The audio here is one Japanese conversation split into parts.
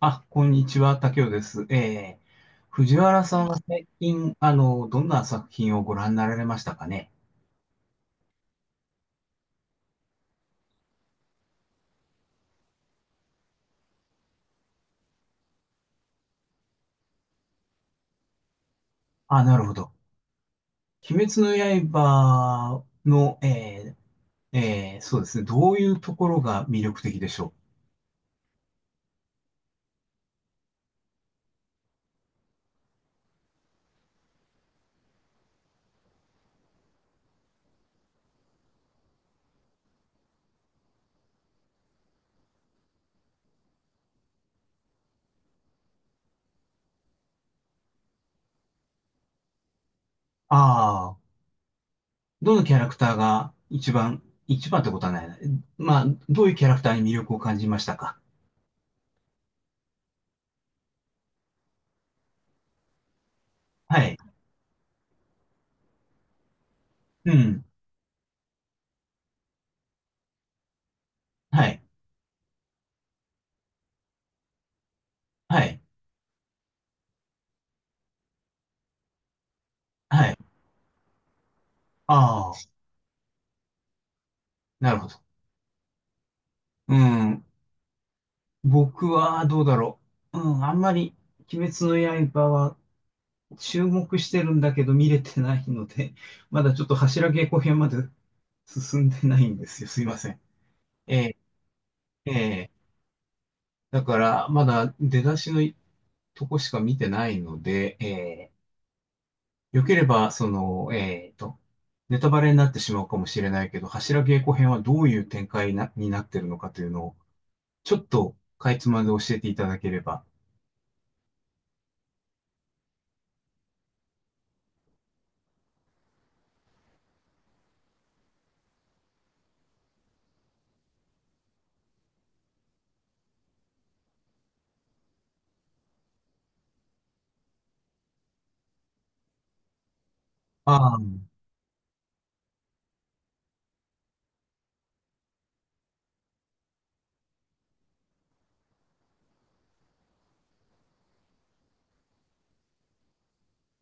あ、こんにちは、竹雄です。藤原さんは最近、どんな作品をご覧になられましたかね。あ、なるほど。鬼滅の刃の、そうですね、どういうところが魅力的でしょう。ああー、どのキャラクターが一番、一番ってことはないな。まあ、どういうキャラクターに魅力を感じましたか。はい。うん。はい。はい。はい。ああ、なるほど。うん。僕はどうだろう。うん、あんまり鬼滅の刃は注目してるんだけど見れてないので、まだちょっと柱稽古編まで進んでないんですよ。すいません。ええ、ええ。だから、まだ出だしのとこしか見てないので、ええ、よければ、その、ええと、ネタバレになってしまうかもしれないけど、柱稽古編はどういう展開なになってるのかというのを、ちょっとかいつまんで教えていただければ。ああ、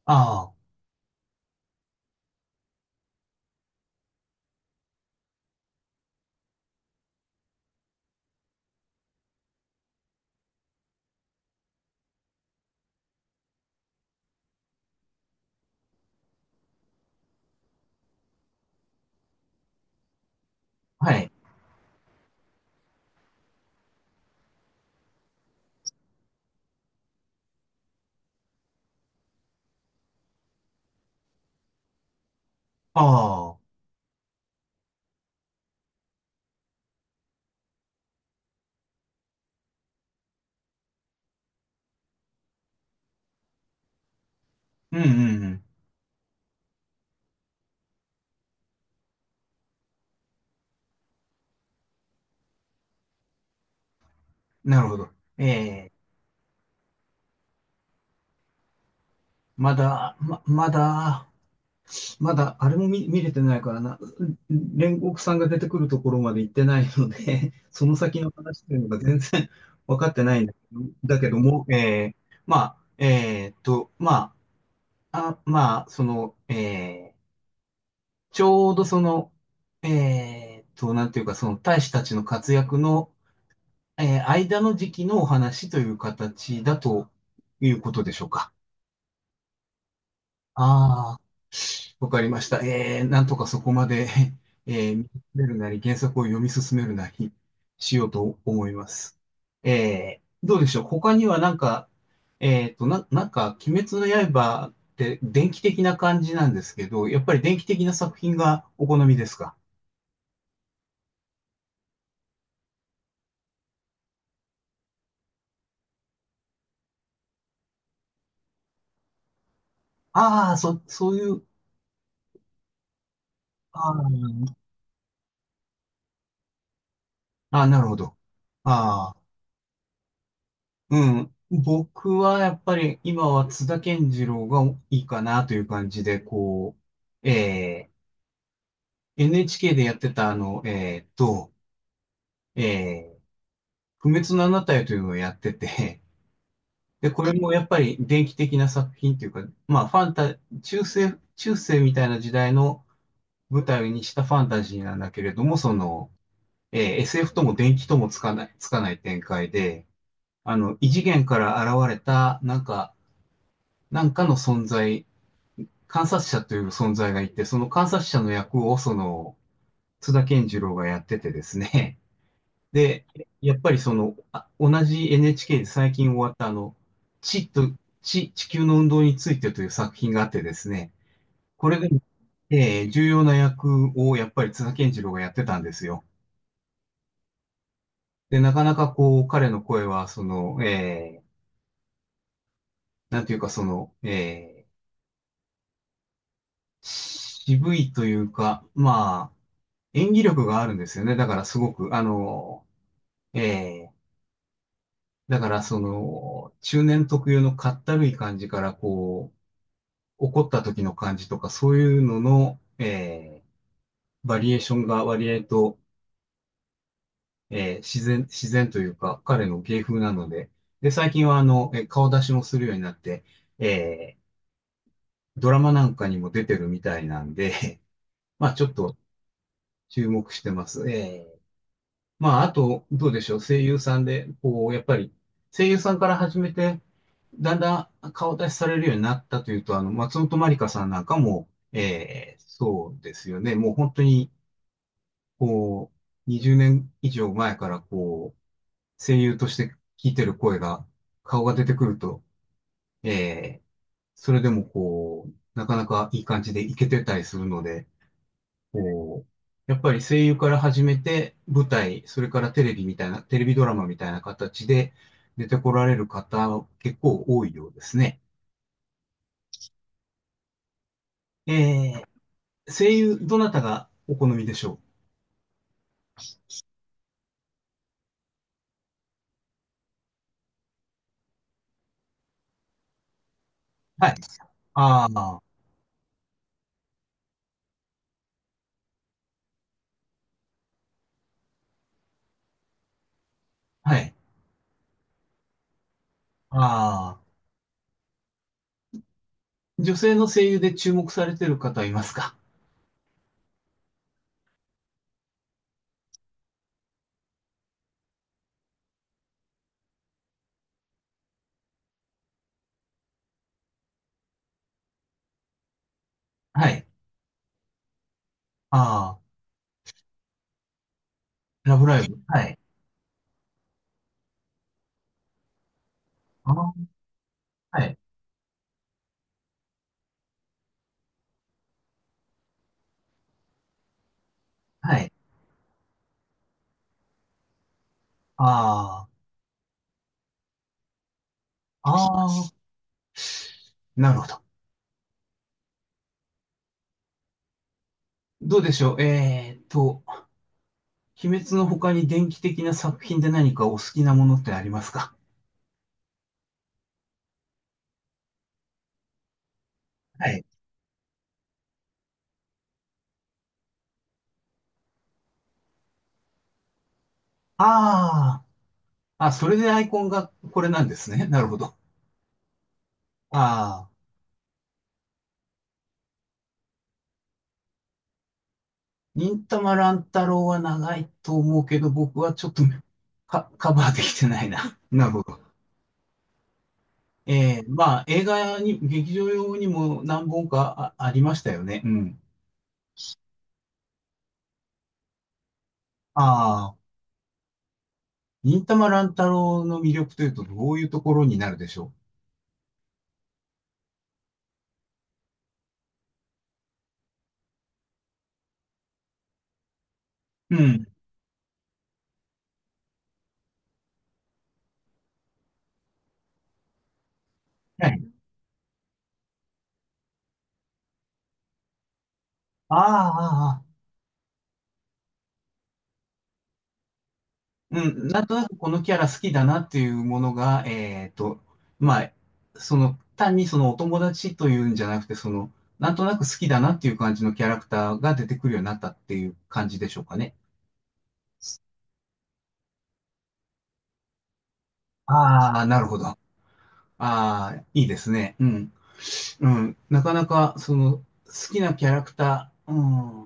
ああ、はい。ああ、うんうんうん。なるほど。ええ、まだ、ま、まだ、まだ、あれも見れてないからな、煉獄さんが出てくるところまで行ってないので、その先の話というのが全然 分かってないんだけど、だけども、ええ、まあ、まあ、その、ええ、ちょうどその、なんていうか、その大使たちの活躍の、ええ、間の時期のお話という形だということでしょうか。ああ、わかりました。なんとかそこまで、見進めるなり、原作を読み進めるなりしようと思います。どうでしょう。他にはなんか、なんか、鬼滅の刃って電気的な感じなんですけど、やっぱり電気的な作品がお好みですか。そういう、あーあなるほど。ああ、うん。僕はやっぱり今は津田健次郎がいいかなという感じで、こう、ええ NHK でやってた、あの、えー不滅のあなたへというのをやってて、で、これもやっぱり電気的な作品というか、まあ、ファンタ、中世、中世みたいな時代の舞台にしたファンタジーなんだけれども、その、えー SF とも電気ともつかない、つかない展開で、あの、異次元から現れた、なんか、なんかの存在、観察者という存在がいて、その観察者の役を、その、津田健次郎がやっててですね、で、やっぱりその、あ、同じ NHK で最近終わったあの、地と、地、地球の運動についてという作品があってですね、これが、えー重要な役をやっぱり津田健次郎がやってたんですよ。で、なかなかこう、彼の声は、その、なんていうかその、渋いというか、まあ、演技力があるんですよね。だからすごく、あの、えーだからその、中年特有のかったるい感じから、こう、怒った時の感じとか、そういうのの、えー、バリエーションが割合と、えー、自然というか、彼の芸風なので、で、最近はあの、えー顔出しもするようになって、えー、ドラマなんかにも出てるみたいなんで、まあちょっと注目してます。まああと、どうでしょう、声優さんで、こう、やっぱり、声優さんから始めて、だんだん顔出しされるようになったというと、あの、松本まりかさんなんかも、えー、そうですよね。もう本当に、こう、20年以上前からこう、声優として聞いてる声が、顔が出てくると、えー、それでもこう、なかなかいい感じでいけてたりするので、こう、やっぱり声優から始めて、舞台、それからテレビみたいな、テレビドラマみたいな形で出てこられる方、結構多いようですね。えー、声優、どなたがお好みでしょう。はい。ああ、はい。ああ。女性の声優で注目されてる方いますか。はい。ああ、ラブライブ。はい。ああ、はい。はい。ああ、ああ、なるほど。どうでしょう。えーっと、鬼滅の他に電気的な作品で何かお好きなものってありますか。はい。ああ、あ、それでアイコンがこれなんですね。なるほど。ああ、忍たま乱太郎は長いと思うけど、僕はちょっと カバーできてないな。なるほど。ええまあ、映画に、劇場用にも何本かありましたよね。うん。ああ、忍たま乱太郎の魅力というと、どういうところになるでしょう。うん。はい。ああ、ああ、うん。なんとなくこのキャラ好きだなっていうものが、えっと、まあ、その、単にそのお友達というんじゃなくて、その、なんとなく好きだなっていう感じのキャラクターが出てくるようになったっていう感じでしょうかね。ああ、なるほど。ああ、いいですね。うん。うん、なかなか、その、好きなキャラクター、う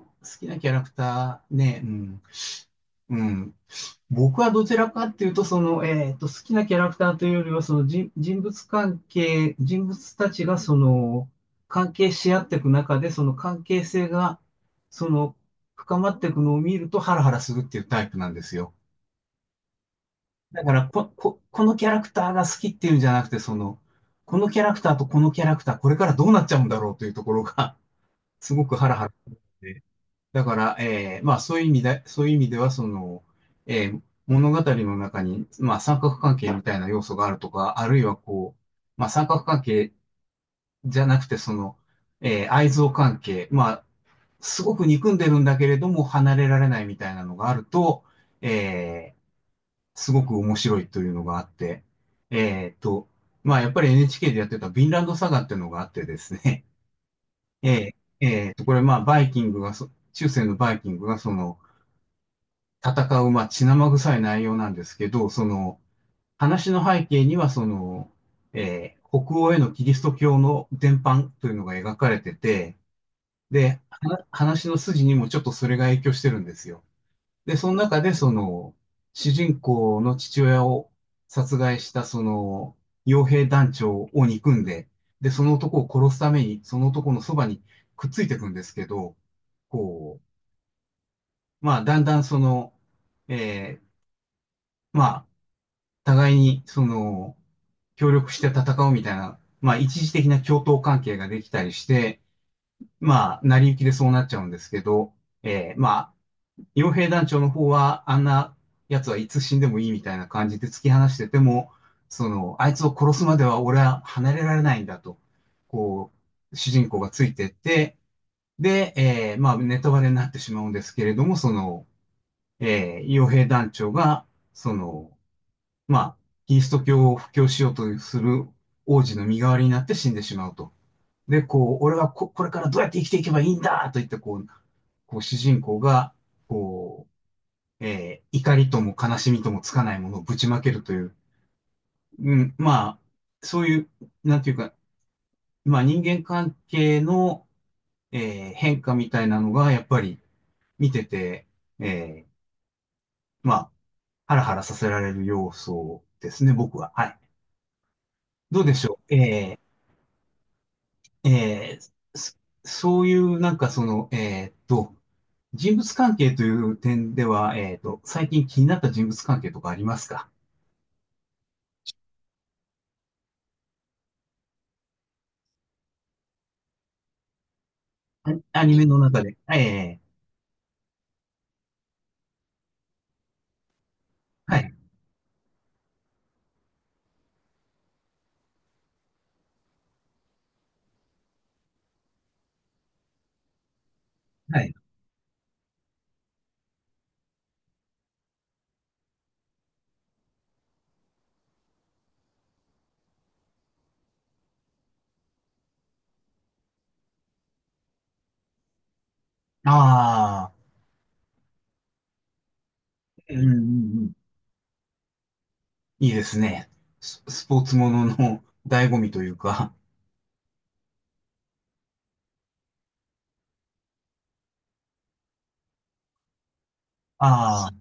ん、好きなキャラクターね、うん、うん。僕はどちらかっていうと、その、えっと、好きなキャラクターというよりは、人物関係、人物たちが、その、関係し合っていく中で、その関係性が、その、深まっていくのを見るとハラハラするっていうタイプなんですよ。だから、このキャラクターが好きっていうんじゃなくて、その、このキャラクターとこのキャラクター、これからどうなっちゃうんだろうというところが、すごくハラハラするので。だから、えーまあそういう意味で、そういう意味では、その、えー物語の中に、まあ三角関係みたいな要素があるとか、あるいはこう、まあ三角関係じゃなくて、その、えー愛憎関係、まあ、すごく憎んでるんだけれども離れられないみたいなのがあると、えーすごく面白いというのがあって、えーっと、まあやっぱり NHK でやってたヴィンランドサガっていうのがあってですね。ええ、ええと、これまあ、バイキングがそ、中世のバイキングがその、戦う、まあ、血生臭い内容なんですけど、その、話の背景には、その、えー北欧へのキリスト教の伝播というのが描かれてて、で、話の筋にもちょっとそれが影響してるんですよ。で、その中で、その、主人公の父親を殺害した、その、傭兵団長を憎んで、で、その男を殺すために、その男のそばにくっついていくんですけど、こう、まあ、だんだんその、えーまあ、互いに、その、協力して戦うみたいな、まあ、一時的な共闘関係ができたりして、まあ、成り行きでそうなっちゃうんですけど、えーまあ、傭兵団長の方は、あんな奴はいつ死んでもいいみたいな感じで突き放してても、その、あいつを殺すまでは俺は離れられないんだと、こう、主人公がついてって、で、えーまあ、ネタバレになってしまうんですけれども、その、えー、傭兵団長が、その、まあ、キリスト教を布教しようとする王子の身代わりになって死んでしまうと。で、こう、俺はこ、これからどうやって生きていけばいいんだと言って、こう、こう主人公が、こう、えー怒りとも悲しみともつかないものをぶちまけるという、うん、まあ、そういう、なんていうか、まあ人間関係の、えー変化みたいなのが、やっぱり見てて、えーまあ、ハラハラさせられる要素ですね、僕は。はい。どうでしょう。ーえーそそういう、なんかその、えーっと、人物関係という点では、えーっと、最近気になった人物関係とかありますか。あアニメの中で。ええはい。はいああ、うんうんうん。いいですね。スポーツものの醍醐味というか。あ